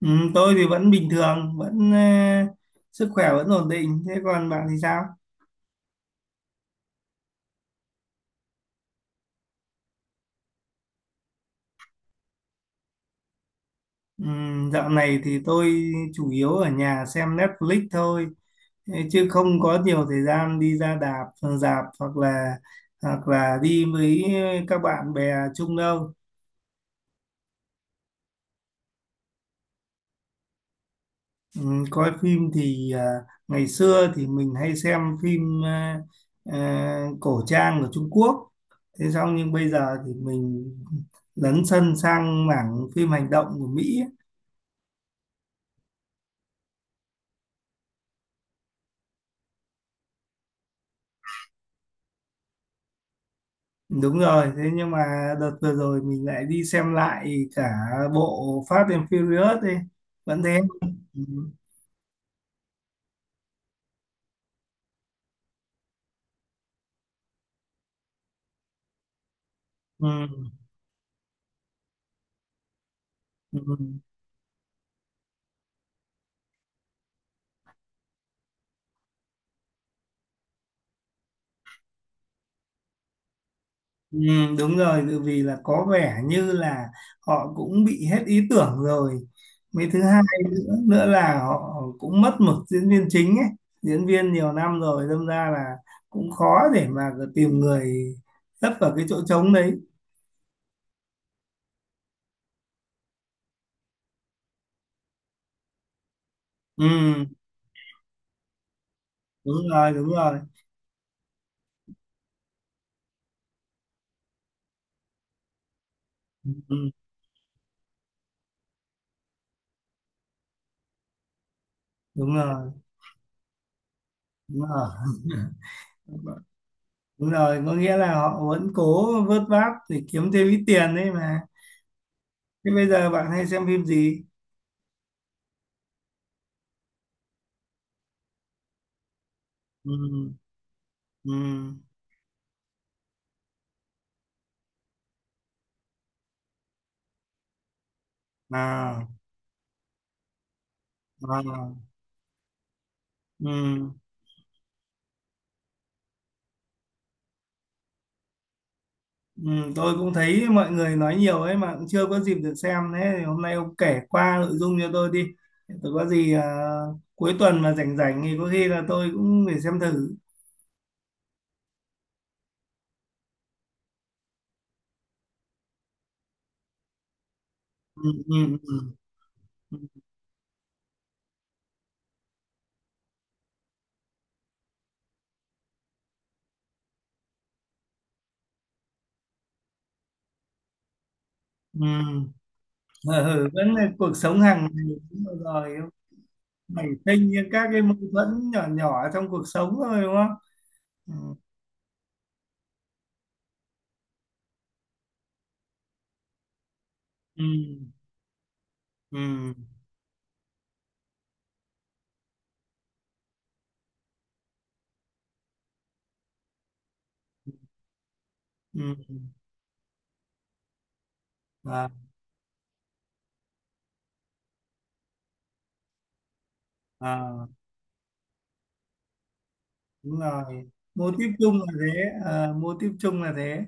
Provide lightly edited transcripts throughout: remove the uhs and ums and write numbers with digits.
Ừ, tôi thì vẫn bình thường, vẫn sức khỏe vẫn ổn định. Thế còn bạn thì sao? Ừ, dạo này thì tôi chủ yếu ở nhà xem Netflix thôi, thế chứ không có nhiều thời gian đi ra rạp hoặc là đi với các bạn bè chung đâu. Ừ, coi phim thì ngày xưa thì mình hay xem phim à, cổ trang của Trung Quốc. Thế xong nhưng bây giờ thì mình lấn sân sang mảng phim hành động của Mỹ. Ấy. Đúng rồi, thế nhưng mà đợt vừa rồi mình lại đi xem lại cả bộ Fast and Furious đi. Vẫn thế. Ừ. Ừ. Ừ. Ừ, đúng rồi, tự vì là có vẻ như là họ cũng bị hết ý tưởng rồi. Mấy thứ hai nữa là họ cũng mất mực diễn viên chính ấy, diễn viên nhiều năm rồi, đâm ra là cũng khó để mà tìm người lấp vào cái chỗ trống đấy. Ừ, đúng rồi, ừ, đúng rồi, đúng rồi, đúng rồi. Có nghĩa là họ vẫn cố vớt vát để kiếm thêm ít tiền đấy mà. Thế bây giờ bạn hay xem phim gì? Ừ, ừ, à, à. Ừ, ừ, tôi cũng thấy mọi người nói nhiều ấy mà cũng chưa có dịp được xem, thế thì hôm nay ông kể qua nội dung cho tôi đi, tôi có gì cuối tuần mà rảnh rảnh thì có khi là tôi cũng phải xem thử. Ừ, ừ, ừ, ừ. Ừ, ừ, vẫn là cuộc sống hàng ngày, đúng rồi. Rồi, nảy sinh những các cái mâu thuẫn nhỏ nhỏ trong cuộc sống thôi, đúng không? Ừ, ừ, ừ, ừ. À, à, đúng rồi mô típ chung là thế, à, mô típ chung là thế.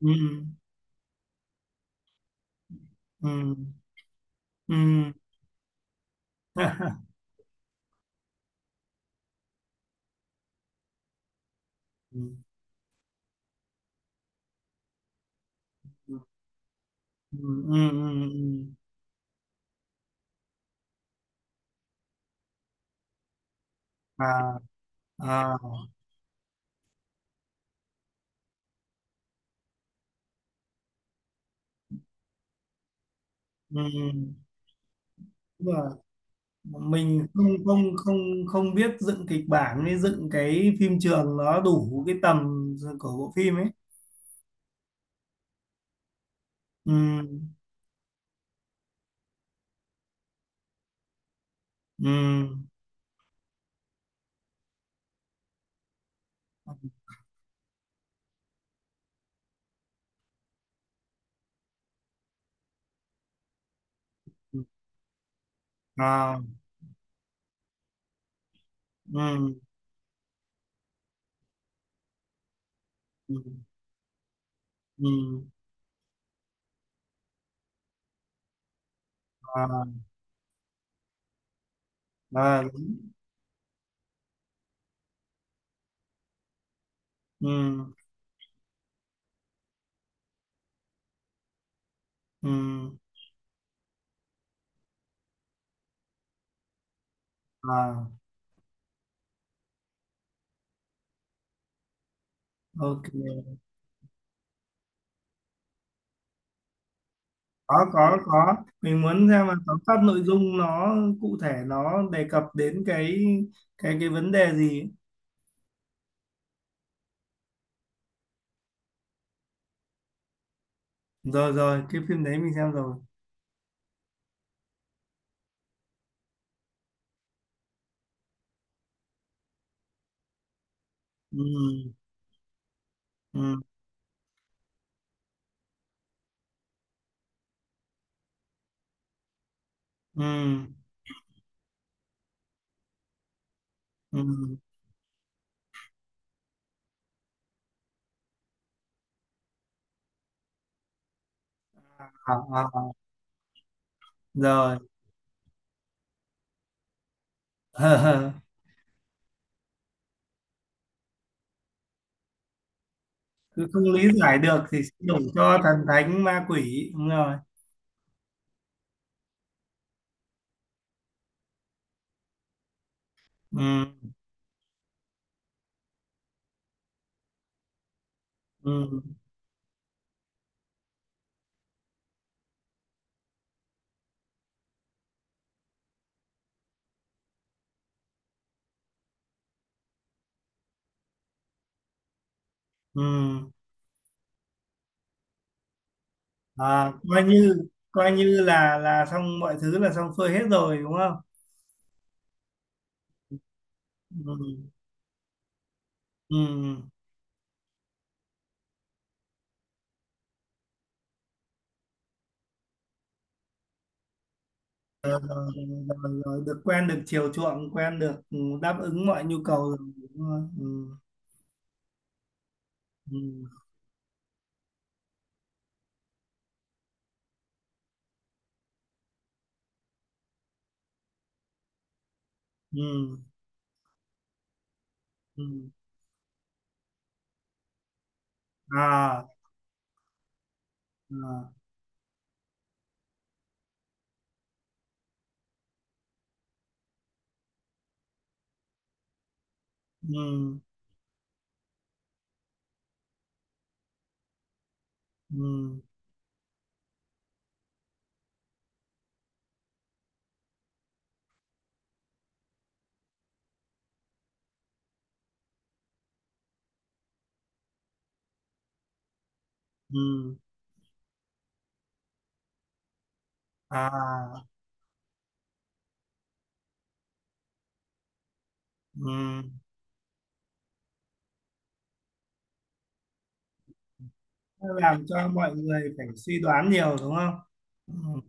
Ừ. Ừ, ừ, ừ, ừ, ừ, ừ, à, à, ừ, đúng rồi. Mình không không không không biết dựng kịch bản với dựng cái phim trường nó đủ cái tầm của bộ phim ấy. Ừ, ừ, à, ừ, ừ, ừm, à, à, đúng. Ừ, ừm, à, ok. Có mình muốn xem là tóm tắt nội dung nó cụ thể nó đề cập đến cái vấn đề gì. Rồi, rồi cái phim đấy mình xem rồi. Ừ, ừ, ừ, ừ, à, à, à. Rồi cứ không lý giải được thì sẽ đổ cho thần thánh ma quỷ, đúng rồi. Ừ, ừ, ừ, à, coi như là xong mọi thứ là xong xuôi hết rồi, đúng không? Ừ, ừ, rồi, rồi được quen được chiều chuộng quen được, ừ, đáp ứng mọi nhu cầu rồi, đúng rồi. Ừ, ừ, ừ, ừ. À, à, ừ, ừ, ừ, à, ừ. Nó làm cho mọi người phải suy đoán nhiều, đúng không? Ừ.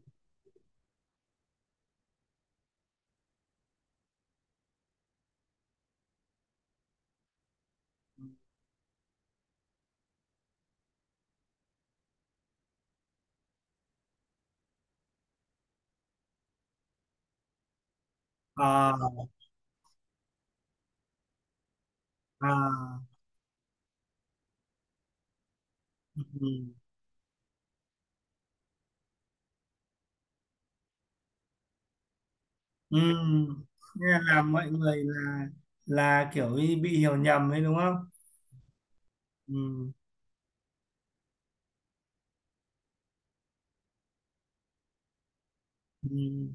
À, à, ừ, ừ. Thế là làm mọi người là kiểu như bị hiểu nhầm ấy, đúng không? Ừ, ừ.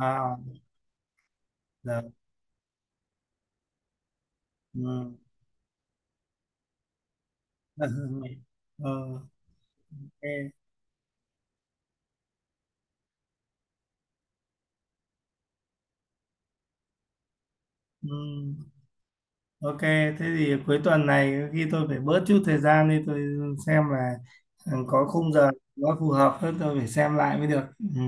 À, được, ừ. Ừ. Ok, ừm, ok, thế thì cuối tuần này khi tôi phải bớt chút thời gian đi, tôi xem là, ừ, có khung giờ nó phù hợp hơn tôi phải xem lại mới được. Ừ.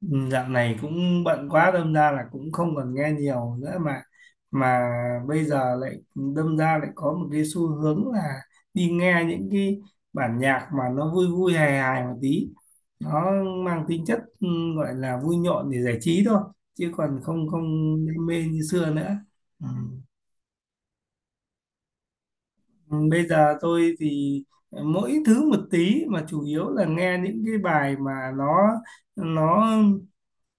Ừ, dạo này cũng bận quá đâm ra là cũng không còn nghe nhiều nữa, mà bây giờ lại đâm ra lại có một cái xu hướng là đi nghe những cái bản nhạc mà nó vui vui hài hài một tí, nó mang tính chất, ừ, gọi là vui nhộn để giải trí thôi chứ còn không không đam mê như xưa nữa. Ừ. Ừ, bây giờ tôi thì mỗi thứ một tí mà chủ yếu là nghe những cái bài mà nó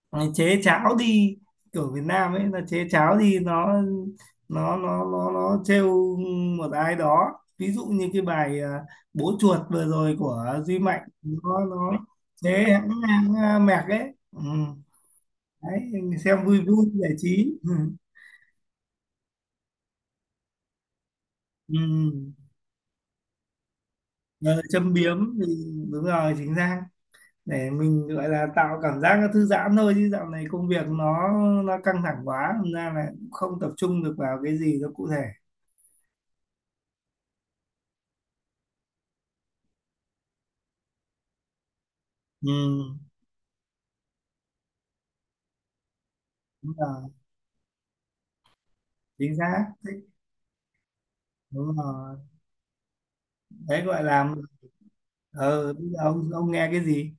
Ờ, chế cháo đi kiểu Việt Nam ấy là chế cháo đi, nó trêu một ai đó, ví dụ như cái bài bố chuột vừa rồi của Duy Mạnh nó chế hãng mẹc ấy, ừ. Đấy, xem vui vui giải trí, ừ. Ừ. Ờ, châm biếm thì đúng rồi, chính xác, để mình gọi là tạo cảm giác nó thư giãn thôi chứ dạo này công việc nó căng thẳng quá thành ra là cũng không tập trung được vào cái gì nó cụ thể. Ừ. Đúng rồi, chính xác, đúng rồi. Đấy gọi là, ờ, bây giờ ông nghe cái gì?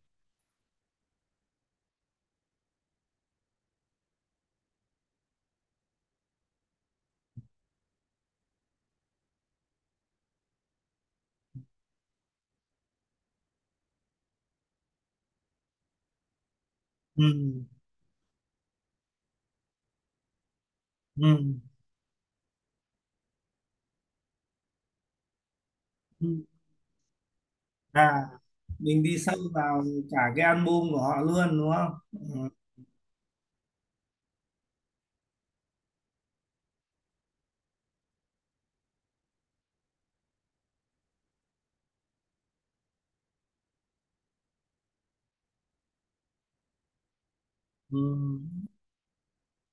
Ừ, ừ, ừ. À, mình đi sâu vào cả cái album của họ luôn, đúng không? Ừ. Ừ.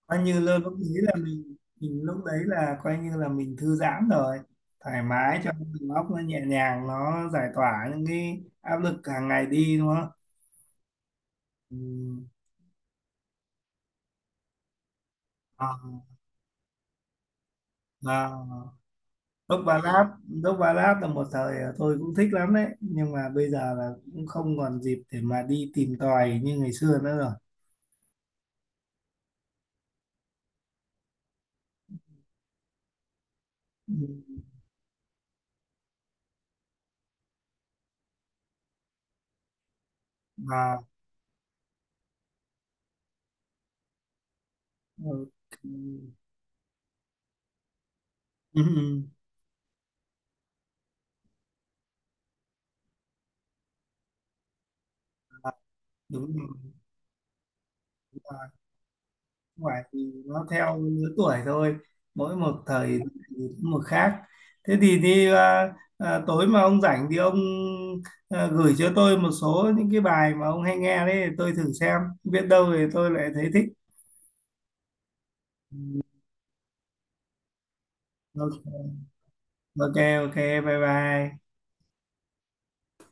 Coi như lơ lúc đấy là mình lúc đấy là coi như là mình thư giãn rồi, thoải mái cho đầu óc nó nhẹ nhàng nó giải tỏa những cái áp lực hàng ngày đi, đúng không? Ừ. À, à. Dốc Ballad, Dốc Ballad là một thời tôi cũng thích lắm đấy nhưng mà bây giờ là cũng không còn dịp để mà đi tìm tòi như ngày xưa nữa rồi. Ừ. Mà ờ, ừ, ừ, đúng rồi. Mà không phải, thì nó theo lứa tuổi thôi, mỗi một thời thì một khác. Thế thì tối mà ông rảnh thì ông gửi cho tôi một số những cái bài mà ông hay nghe đấy, tôi thử xem biết đâu thì tôi lại thấy thích. Ok, ok, ok, bye bye.